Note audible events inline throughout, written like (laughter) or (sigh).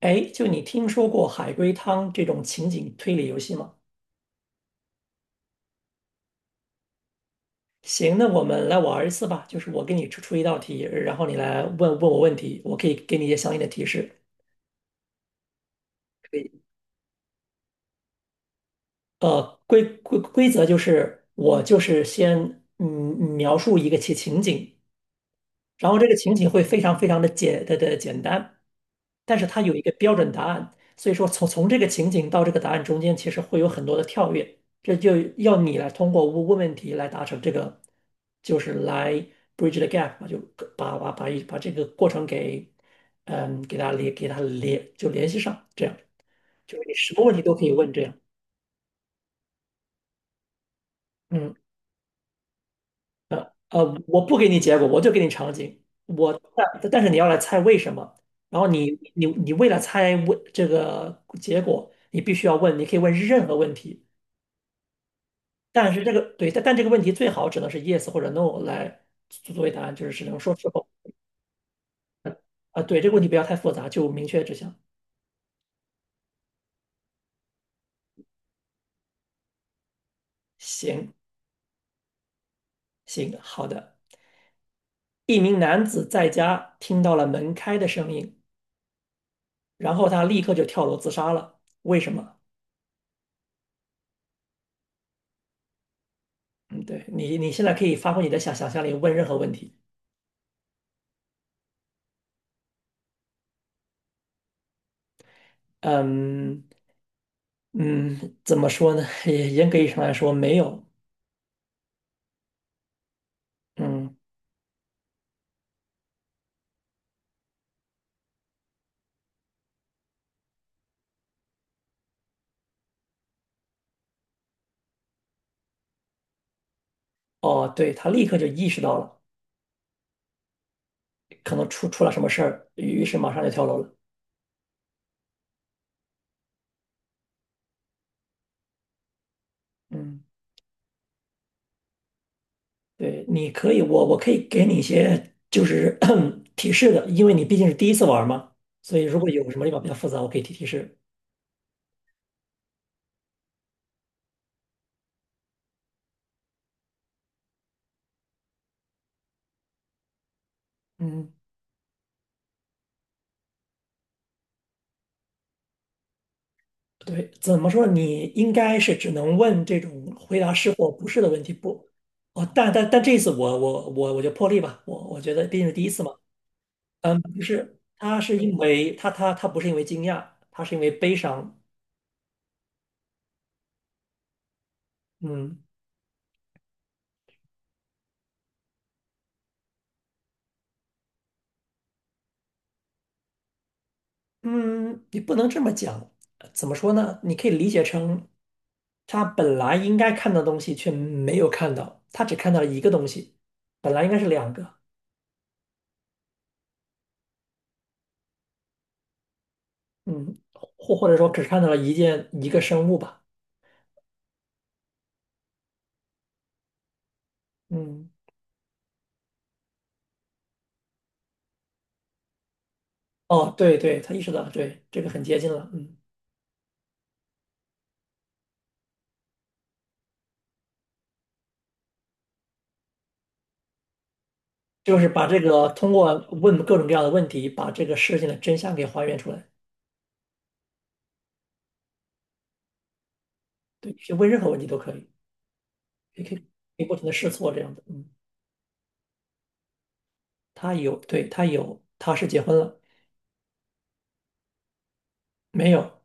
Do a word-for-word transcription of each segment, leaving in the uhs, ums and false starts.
哎，就你听说过海龟汤这种情景推理游戏吗？行，那我们来玩一次吧。就是我给你出出一道题，然后你来问问我问题，我可以给你一些相应的提示。可以，呃，规规规则就是我就是先嗯描述一个情情景，然后这个情景会非常非常的简的的简单，但是它有一个标准答案，所以说从从这个情景到这个答案中间，其实会有很多的跳跃，这就要你来通过问问问题来达成这个，就是来 bridge the gap 嘛就把把把一把这个过程给，嗯，给它连给它连就联系上，这样就是你什么问题都可以问这样，嗯，呃，我不给你结果，我就给你场景，我但但是你要来猜为什么。然后你你你为了猜问这个结果，你必须要问，你可以问任何问题，但是这个对，但但这个问题最好只能是 yes 或者 no 来作作为答案，就是只能说是否啊。对，这个问题不要太复杂，就明确指向。行行，好的。一名男子在家听到了门开的声音，然后他立刻就跳楼自杀了。为什么？嗯，对，你，你现在可以发挥你的想想象力，问任何问题。嗯嗯，怎么说呢？(laughs) 也严格意义上来说，没有。嗯，哦，对，他立刻就意识到了，可能出出了什么事儿，于是马上就跳楼了。嗯。对，你可以，我我可以给你一些就是 (coughs) (clears throat) 提示的，因为你毕竟是第一次玩儿嘛，所以如果有什么地方比较复杂，我可以提提示。嗯，对，怎么说呢你应该是只能问这种回答是或不是的问题，不，哦，但但但这一次我我我我就破例吧，我我觉得毕竟是第一次嘛，嗯，不是，他是因为他他他不是因为惊讶，他是因为悲伤，嗯。嗯，你不能这么讲，呃怎么说呢？你可以理解成，他本来应该看到的东西却没有看到，他只看到了一个东西，本来应该是两个，嗯，或或者说只看到了一件一个生物吧，嗯，哦，对对，他意识到了，对，这个很接近了，嗯，就是把这个通过问各种各样的问题，把这个事情的真相给还原出来，对，去问任何问题都可以，也可以可以不停的试错这样的，嗯，他有，对，他有，他是结婚了，没有。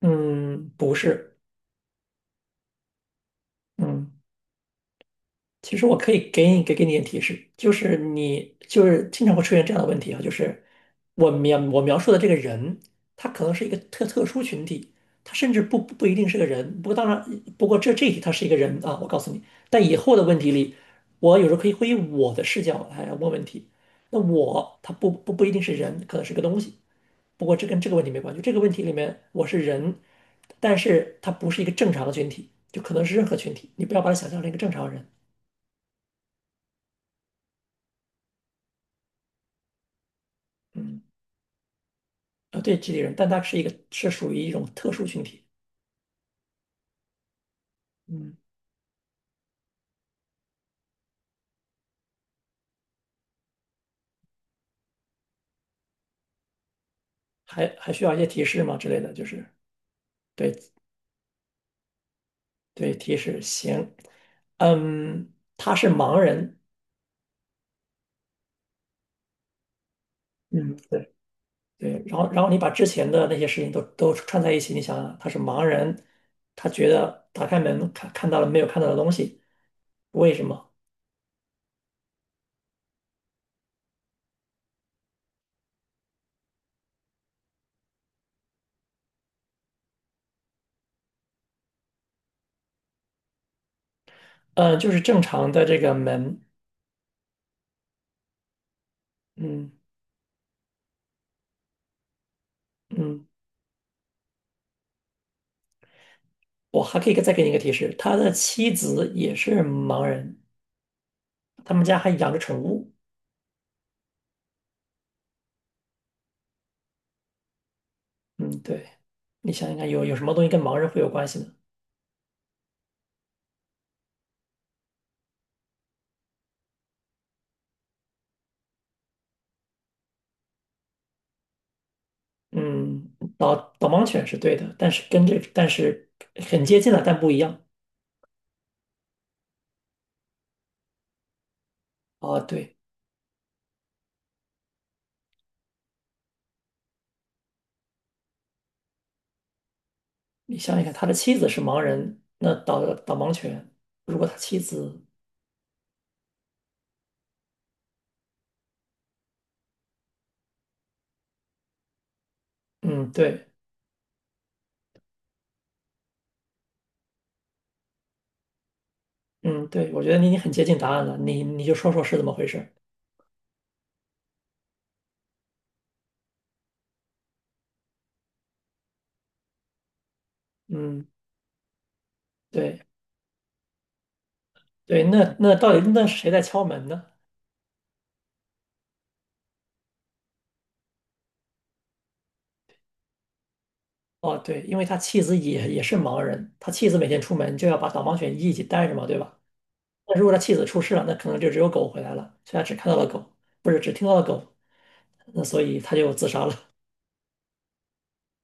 嗯，不是，嗯，其实我可以给你给给你点提示，就是你就是经常会出现这样的问题啊，就是我描我描述的这个人，他可能是一个特特殊群体，他甚至不不不一定是个人，不过当然，不过这这一题他是一个人啊，我告诉你，但以后的问题里，我有时候可以会以我的视角来问问题，那我他不不不一定是人，可能是个东西，不过这跟这个问题没关系，这个问题里面我是人，但是他不是一个正常的群体，就可能是任何群体，你不要把它想象成一个正常人，嗯，啊对，集体人，但他是一个是属于一种特殊群体，嗯，还还需要一些提示吗之类的，就是对对提示行，嗯，他是盲人，嗯，对对，然后然后你把之前的那些事情都都串在一起，你想想，他是盲人，他觉得打开门看看到了没有看到的东西，为什么？呃，就是正常的这个门，嗯嗯，我还可以再给你一个提示，他的妻子也是盲人，他们家还养着宠物，嗯，对，你想想看，有有什么东西跟盲人会有关系呢？嗯，导导盲犬是对的，但是跟这但是很接近了，但不一样啊。对，你想想看，他的妻子是盲人，那导导盲犬，如果他妻子，嗯，对，嗯，对，我觉得你已经很接近答案了，你你就说说是怎么回事，嗯，对。对，那那到底那是谁在敲门呢？哦，对，因为他妻子也也是盲人，他妻子每天出门就要把导盲犬一起带着嘛，对吧？那如果他妻子出事了，那可能就只有狗回来了，所以他只看到了狗，不是只听到了狗，那所以他就自杀了。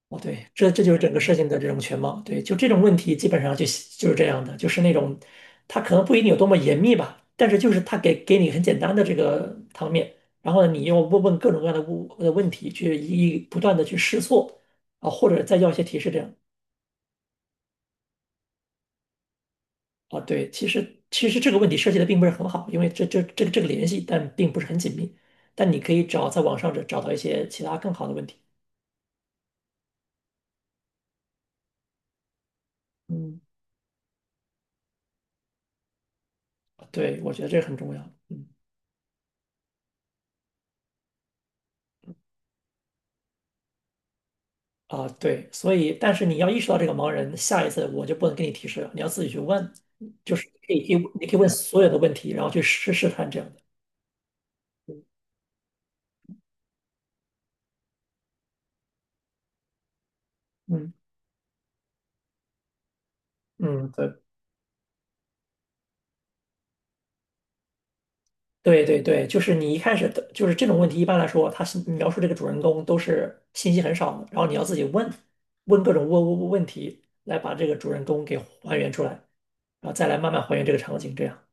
哦，对，这这就是整个事情的这种全貌。对，就这种问题基本上就就是这样的，就是那种它可能不一定有多么严密吧，但是就是它给给你很简单的这个汤面，然后呢，你又问问各种各样的问的问题，去一一不断的去试错啊，或者再要一些提示这样啊。对，其实其实这个问题设计的并不是很好，因为这这这个这个联系，但并不是很紧密。但你可以找在网上找找到一些其他更好的问题。嗯，对，我觉得这个很重要。嗯。啊，对，所以但是你要意识到这个盲人，下一次我就不能给你提示了，你要自己去问，就是可以可以你可以问所有的问题，然后去试试探这样的。嗯嗯，对对对对，就是你一开始的，就是这种问题，一般来说，他是描述这个主人公都是信息很少的，然后你要自己问问各种问问问题，来把这个主人公给还原出来，然后再来慢慢还原这个场景，这样。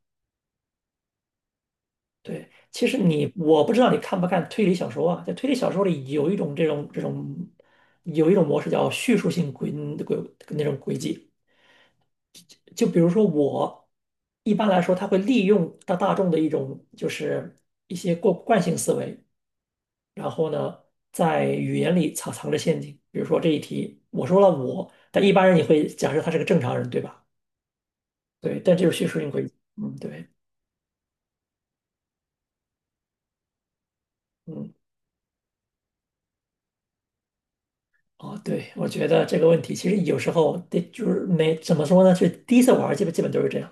对，其实你我不知道你看不看推理小说啊，在推理小说里有一种这种这种有一种模式叫叙述性轨轨那种轨迹，就比如说我一般来说，他会利用大大众的一种就是一些过惯性思维，然后呢，在语言里藏藏着陷阱，比如说这一题我说了我，但一般人也会假设他是个正常人，对吧？对，但这就是叙述性轨迹，嗯，对，嗯。哦，对，我觉得这个问题其实有时候对，就是没怎么说呢，就第一次玩儿基本基本都是这样。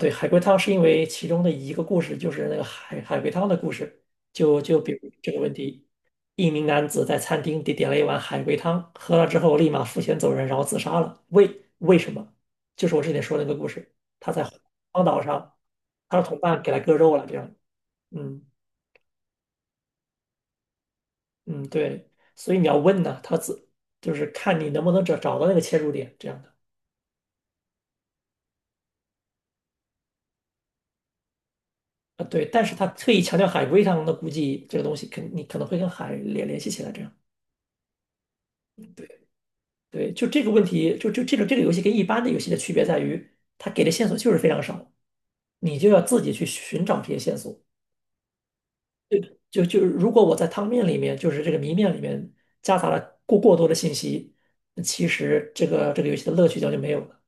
对，海龟汤是因为其中的一个故事就是那个海海龟汤的故事，就就比如这个问题，一名男子在餐厅点点了一碗海龟汤，喝了之后立马付钱走人，然后自杀了。为为什么？就是我之前说的那个故事，他在荒岛上，他的同伴给他割肉了，这样。嗯嗯，对，所以你要问呢，他自就是看你能不能找找到那个切入点，这样的。啊，对，但是他特意强调海龟汤，那估计这个东西肯你可能会跟海联联系起来，这样。对，就这个问题，就就这个这个游戏跟一般的游戏的区别在于，它给的线索就是非常少，你就要自己去寻找这些线索。就就如果我在汤面里面，就是这个谜面里面夹杂了过过多的信息，那其实这个这个游戏的乐趣将就没有了。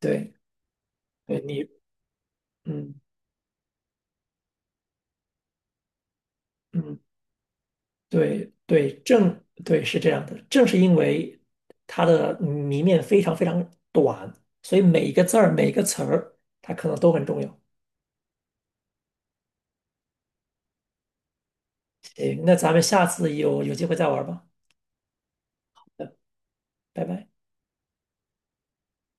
对，对你，嗯嗯。对对，正对是这样的，正是因为它的谜面非常非常短，所以每一个字儿、每一个词儿，它可能都很重要。行，那咱们下次有有机会再玩吧。嗯拜拜。